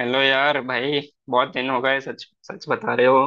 Hello यार भाई। बहुत दिन हो गए, सच सच बता रहे हो।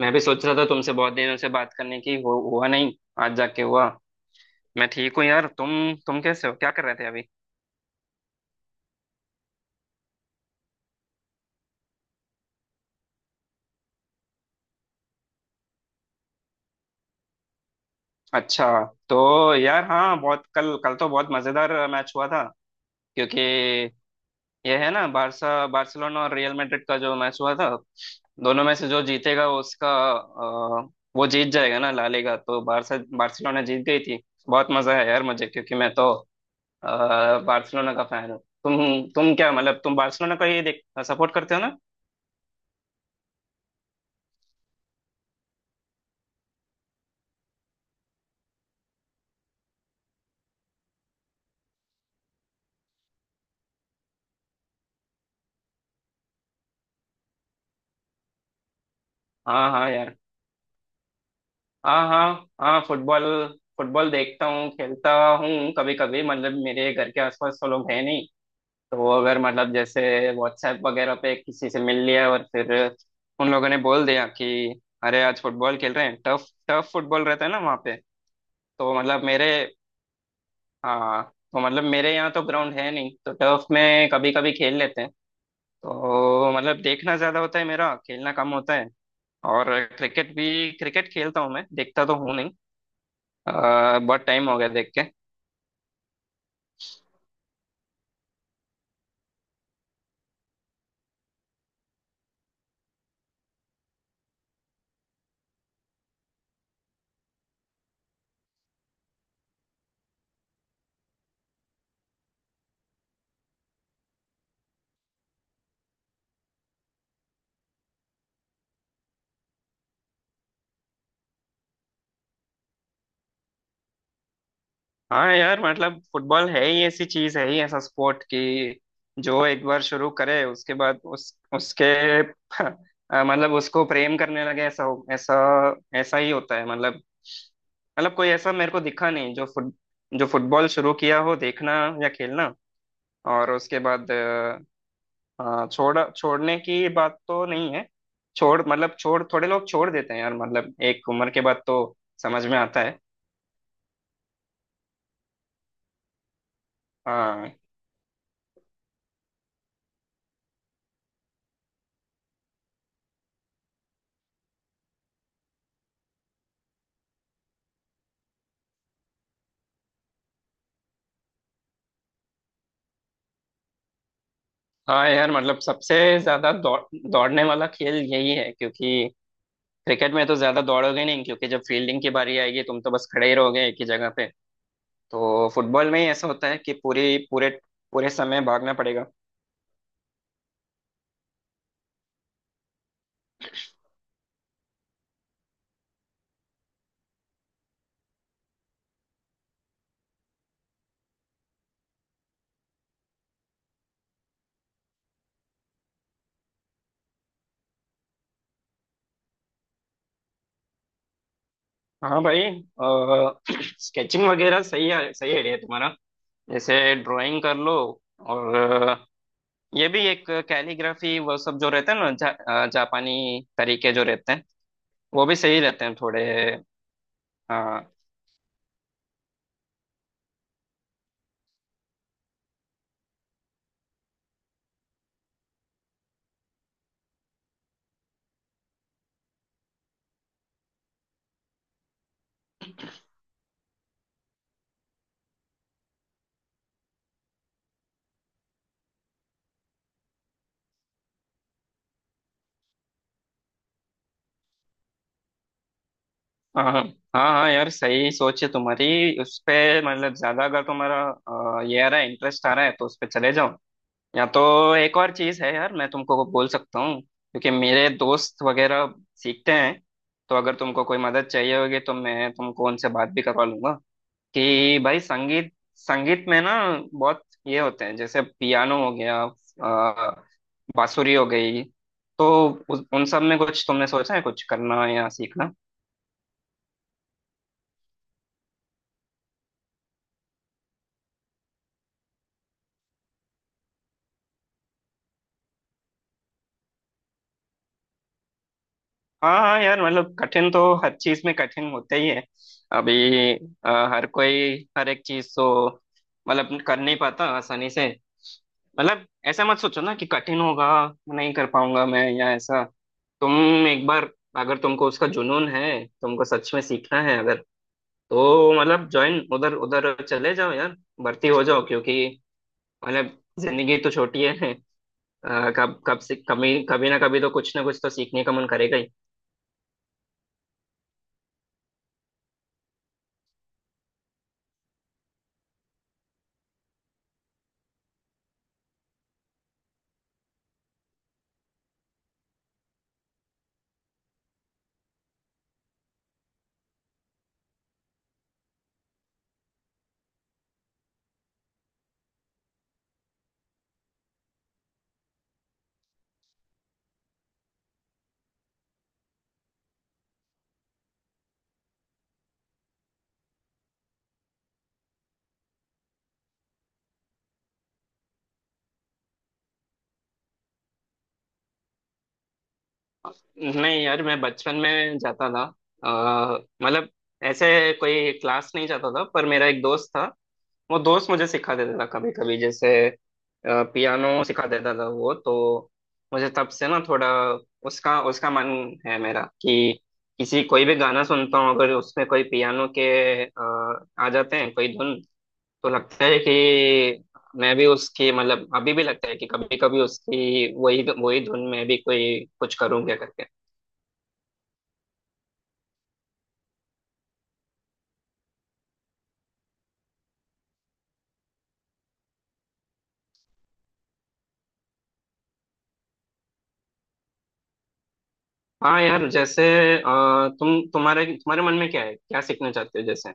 मैं भी सोच रहा था तुमसे बहुत दिनों से बात करने की, हुआ नहीं। आज जाके हुआ। मैं ठीक हूँ यार, तुम कैसे हो, क्या कर रहे थे अभी? अच्छा। तो यार हाँ, बहुत कल कल तो बहुत मजेदार मैच हुआ था, क्योंकि यह है ना बारसा, बार्सिलोना और रियल मैड्रिड का जो मैच हुआ था, दोनों में से जो जीतेगा उसका, वो जीत जाएगा ना ला लीगा। तो बारसा बार्सिलोना जीत गई थी। बहुत मजा है यार मुझे, क्योंकि मैं तो अ, बार्सिलोना का फैन हो। तुम। तुम क्या मतलब तुम बार्सिलोना का ये देख सपोर्ट करते हो ना? हाँ हाँ यार। हाँ हाँ। हाँ, फुटबॉल फुटबॉल देखता हूँ, खेलता हूँ। कभी कभी मतलब मेरे घर के आसपास तो लोग है नहीं, तो अगर मतलब जैसे व्हाट्सएप वगैरह पे किसी से मिल लिया और फिर उन लोगों ने बोल दिया कि अरे आज फुटबॉल खेल रहे हैं, टफ टफ फुटबॉल रहता है ना वहाँ पे। तो मतलब मेरे हाँ, तो मतलब मेरे यहाँ तो ग्राउंड है नहीं, तो टर्फ में कभी कभी खेल लेते हैं। तो मतलब देखना ज्यादा होता है, मेरा खेलना कम होता है। और क्रिकेट खेलता हूँ, मैं देखता तो हूँ नहीं, बहुत टाइम हो गया देख के। हाँ यार, मतलब फुटबॉल है ही ऐसी चीज, है ही ऐसा स्पोर्ट कि जो एक बार शुरू करे उसके बाद उस उसके मतलब उसको प्रेम करने लगे, ऐसा हो, ऐसा। ऐसा ही होता है मतलब कोई ऐसा मेरे को दिखा नहीं जो फुटबॉल शुरू किया हो देखना या खेलना, और उसके बाद। हाँ, छोड़ने की बात तो नहीं है, छोड़ मतलब छोड़ थोड़े लोग छोड़ देते हैं यार, मतलब एक उम्र के बाद तो समझ में आता है। हाँ हाँ यार, मतलब सबसे ज्यादा दौड़ने वाला खेल यही है, क्योंकि क्रिकेट में तो ज्यादा दौड़ोगे नहीं, क्योंकि जब फील्डिंग की बारी आएगी तुम तो बस खड़े ही रहोगे एक ही जगह पे। तो फुटबॉल में ही ऐसा होता है कि पूरी पूरे पूरे समय भागना पड़ेगा। हाँ भाई, स्केचिंग वगैरह सही है, सही आइडिया है तुम्हारा। जैसे ड्राइंग कर लो, और ये भी एक कैलीग्राफी वो सब जो रहते हैं ना, जापानी तरीके जो रहते हैं, वो भी सही रहते हैं थोड़े। हाँ हाँ हाँ। हाँ यार, सही सोच है तुम्हारी उस पे, मतलब ज्यादा अगर तुम्हारा ये आ रहा है, इंटरेस्ट आ रहा है तो उस पे चले जाओ। या तो एक और चीज है यार, मैं तुमको बोल सकता हूँ, क्योंकि मेरे दोस्त वगैरह सीखते हैं, तो अगर तुमको कोई मदद चाहिए होगी तो मैं तुमको उनसे बात भी करवा लूंगा, कि भाई संगीत, संगीत में ना बहुत ये होते हैं, जैसे पियानो हो गया, बांसुरी हो गई। तो उन सब में कुछ तुमने सोचा है, कुछ करना या सीखना? हाँ हाँ यार, मतलब कठिन तो हर चीज में कठिन होते ही है। अभी हर कोई हर एक चीज तो मतलब कर नहीं पाता आसानी से, मतलब ऐसा मत सोचो ना कि कठिन होगा, नहीं कर पाऊंगा मैं या ऐसा। तुम एक बार, अगर तुमको उसका जुनून है, तुमको सच में सीखना है अगर, तो मतलब ज्वाइन, उधर उधर चले जाओ यार, भर्ती हो जाओ, क्योंकि मतलब जिंदगी तो छोटी है, कब कब से कभी कभी ना कभी तो कुछ ना कुछ तो सीखने का मन करेगा ही। नहीं यार, मैं बचपन में जाता था, मतलब ऐसे कोई क्लास नहीं जाता था, पर मेरा एक दोस्त था, वो दोस्त मुझे सिखा देता था कभी कभी, जैसे पियानो सिखा देता था वो तो। मुझे तब से ना थोड़ा उसका उसका मन है मेरा, कि किसी, कोई भी गाना सुनता हूँ अगर उसमें कोई पियानो के आ जाते हैं कोई धुन, तो लगता है कि मैं भी उसकी, मतलब अभी भी लगता है कि कभी कभी उसकी वही वही धुन में भी कोई कुछ करूँ, क्या करके। हाँ यार, जैसे तुम तुम्हारे तुम्हारे मन में क्या है, क्या सीखना चाहते हो जैसे?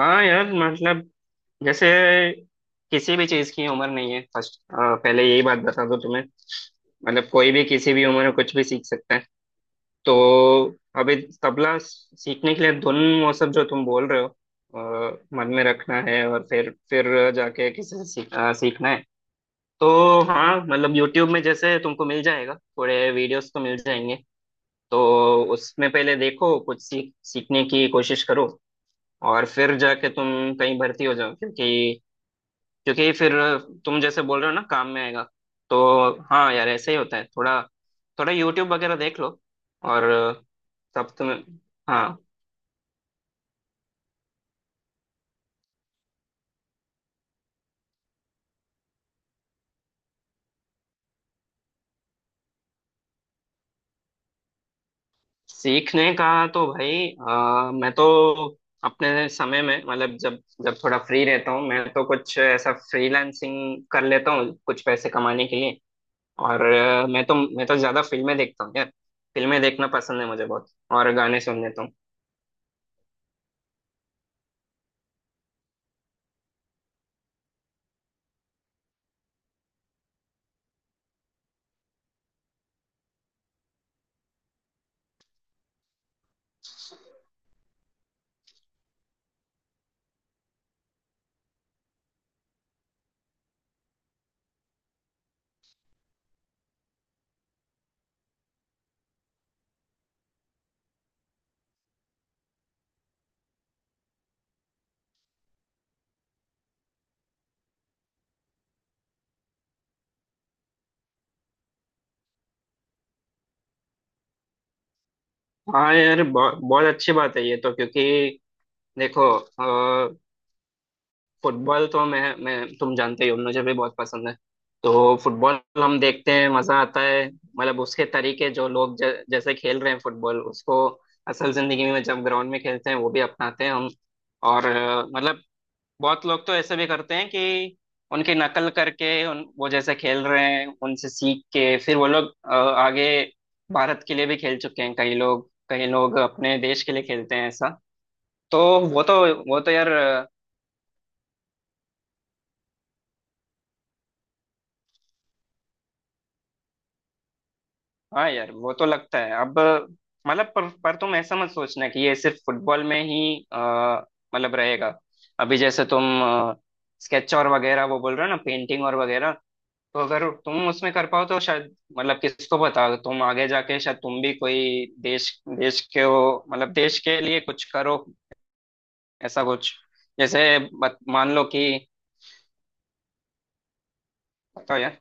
हाँ यार, मतलब जैसे किसी भी चीज की उम्र नहीं है फर्स्ट, पहले यही बात बता दो तुम्हें, मतलब कोई भी किसी भी उम्र में कुछ भी सीख सकता है। तो अभी तबला सीखने के लिए धुन वो सब जो तुम बोल रहे हो, मन में रखना है, और फिर जाके किसी से सीखना है। तो हाँ, मतलब यूट्यूब में जैसे तुमको मिल जाएगा, थोड़े वीडियोस तो मिल जाएंगे। तो उसमें पहले देखो कुछ सीखने की कोशिश करो, और फिर जाके तुम कहीं भर्ती हो जाओ, क्योंकि क्योंकि फिर तुम जैसे बोल रहे हो ना, काम में आएगा। तो हाँ यार ऐसे ही होता है। थोड़ा थोड़ा यूट्यूब वगैरह देख लो, और तब तुम्हें। हाँ। सीखने का, तो भाई मैं तो अपने समय में, मतलब जब जब थोड़ा फ्री रहता हूँ मैं, तो कुछ ऐसा फ्रीलांसिंग कर लेता हूँ कुछ पैसे कमाने के लिए। और मैं तो ज्यादा फिल्में देखता हूँ यार, फिल्में देखना पसंद है मुझे बहुत, और गाने सुन लेता हूँ। हाँ यार, बहुत बहुत अच्छी बात है ये तो, क्योंकि देखो फुटबॉल तो मैं, तुम जानते ही हो मुझे भी बहुत पसंद है। तो फुटबॉल हम देखते हैं, मजा आता है, मतलब उसके तरीके जो लोग जैसे खेल रहे हैं फुटबॉल, उसको असल जिंदगी में जब ग्राउंड में खेलते हैं वो भी अपनाते हैं हम। और मतलब बहुत लोग तो ऐसे भी करते हैं कि उनकी नकल करके, उन वो जैसे खेल रहे हैं उनसे सीख के, फिर वो लोग आगे भारत के लिए भी खेल चुके हैं, कई लोग अपने देश के लिए खेलते हैं ऐसा। तो वो तो वो तो यार, हाँ यार वो तो लगता है अब, मतलब पर तुम ऐसा मत सोचना कि ये सिर्फ फुटबॉल में ही अ, मतलब रहेगा। अभी जैसे तुम स्केच और वगैरह वो बोल रहे हो ना, पेंटिंग और वगैरह, तो अगर तुम उसमें कर पाओ तो शायद, मतलब किसको पता, तुम आगे जाके शायद तुम भी कोई देश देश के हो, मतलब देश के लिए कुछ करो ऐसा कुछ, जैसे मान लो कि, बताओ यार।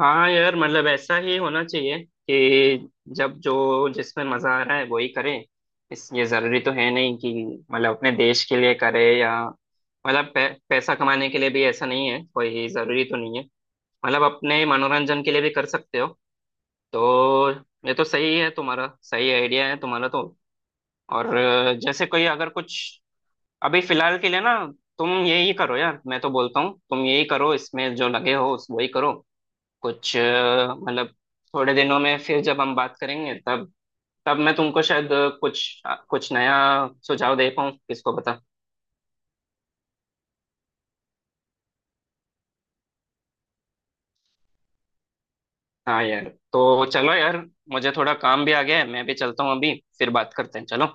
हाँ यार, मतलब ऐसा ही होना चाहिए कि जब जो जिसमें मजा आ रहा है वही करे। इस ये जरूरी तो है नहीं कि मतलब अपने देश के लिए करे, या मतलब पैसा कमाने के लिए भी ऐसा नहीं है, कोई जरूरी तो नहीं है। मतलब अपने मनोरंजन के लिए भी कर सकते हो। तो ये तो सही है तुम्हारा, सही आइडिया है तुम्हारा तो। और जैसे कोई अगर कुछ, अभी फिलहाल के लिए ना तुम यही करो यार, मैं तो बोलता हूँ तुम यही करो, इसमें जो लगे हो उस वही करो। कुछ मतलब, थोड़े दिनों में फिर जब हम बात करेंगे तब, मैं तुमको शायद कुछ कुछ नया सुझाव दे पाऊँ, किसको पता। हाँ यार, तो चलो यार, मुझे थोड़ा काम भी आ गया है, मैं भी चलता हूँ अभी, फिर बात करते हैं, चलो।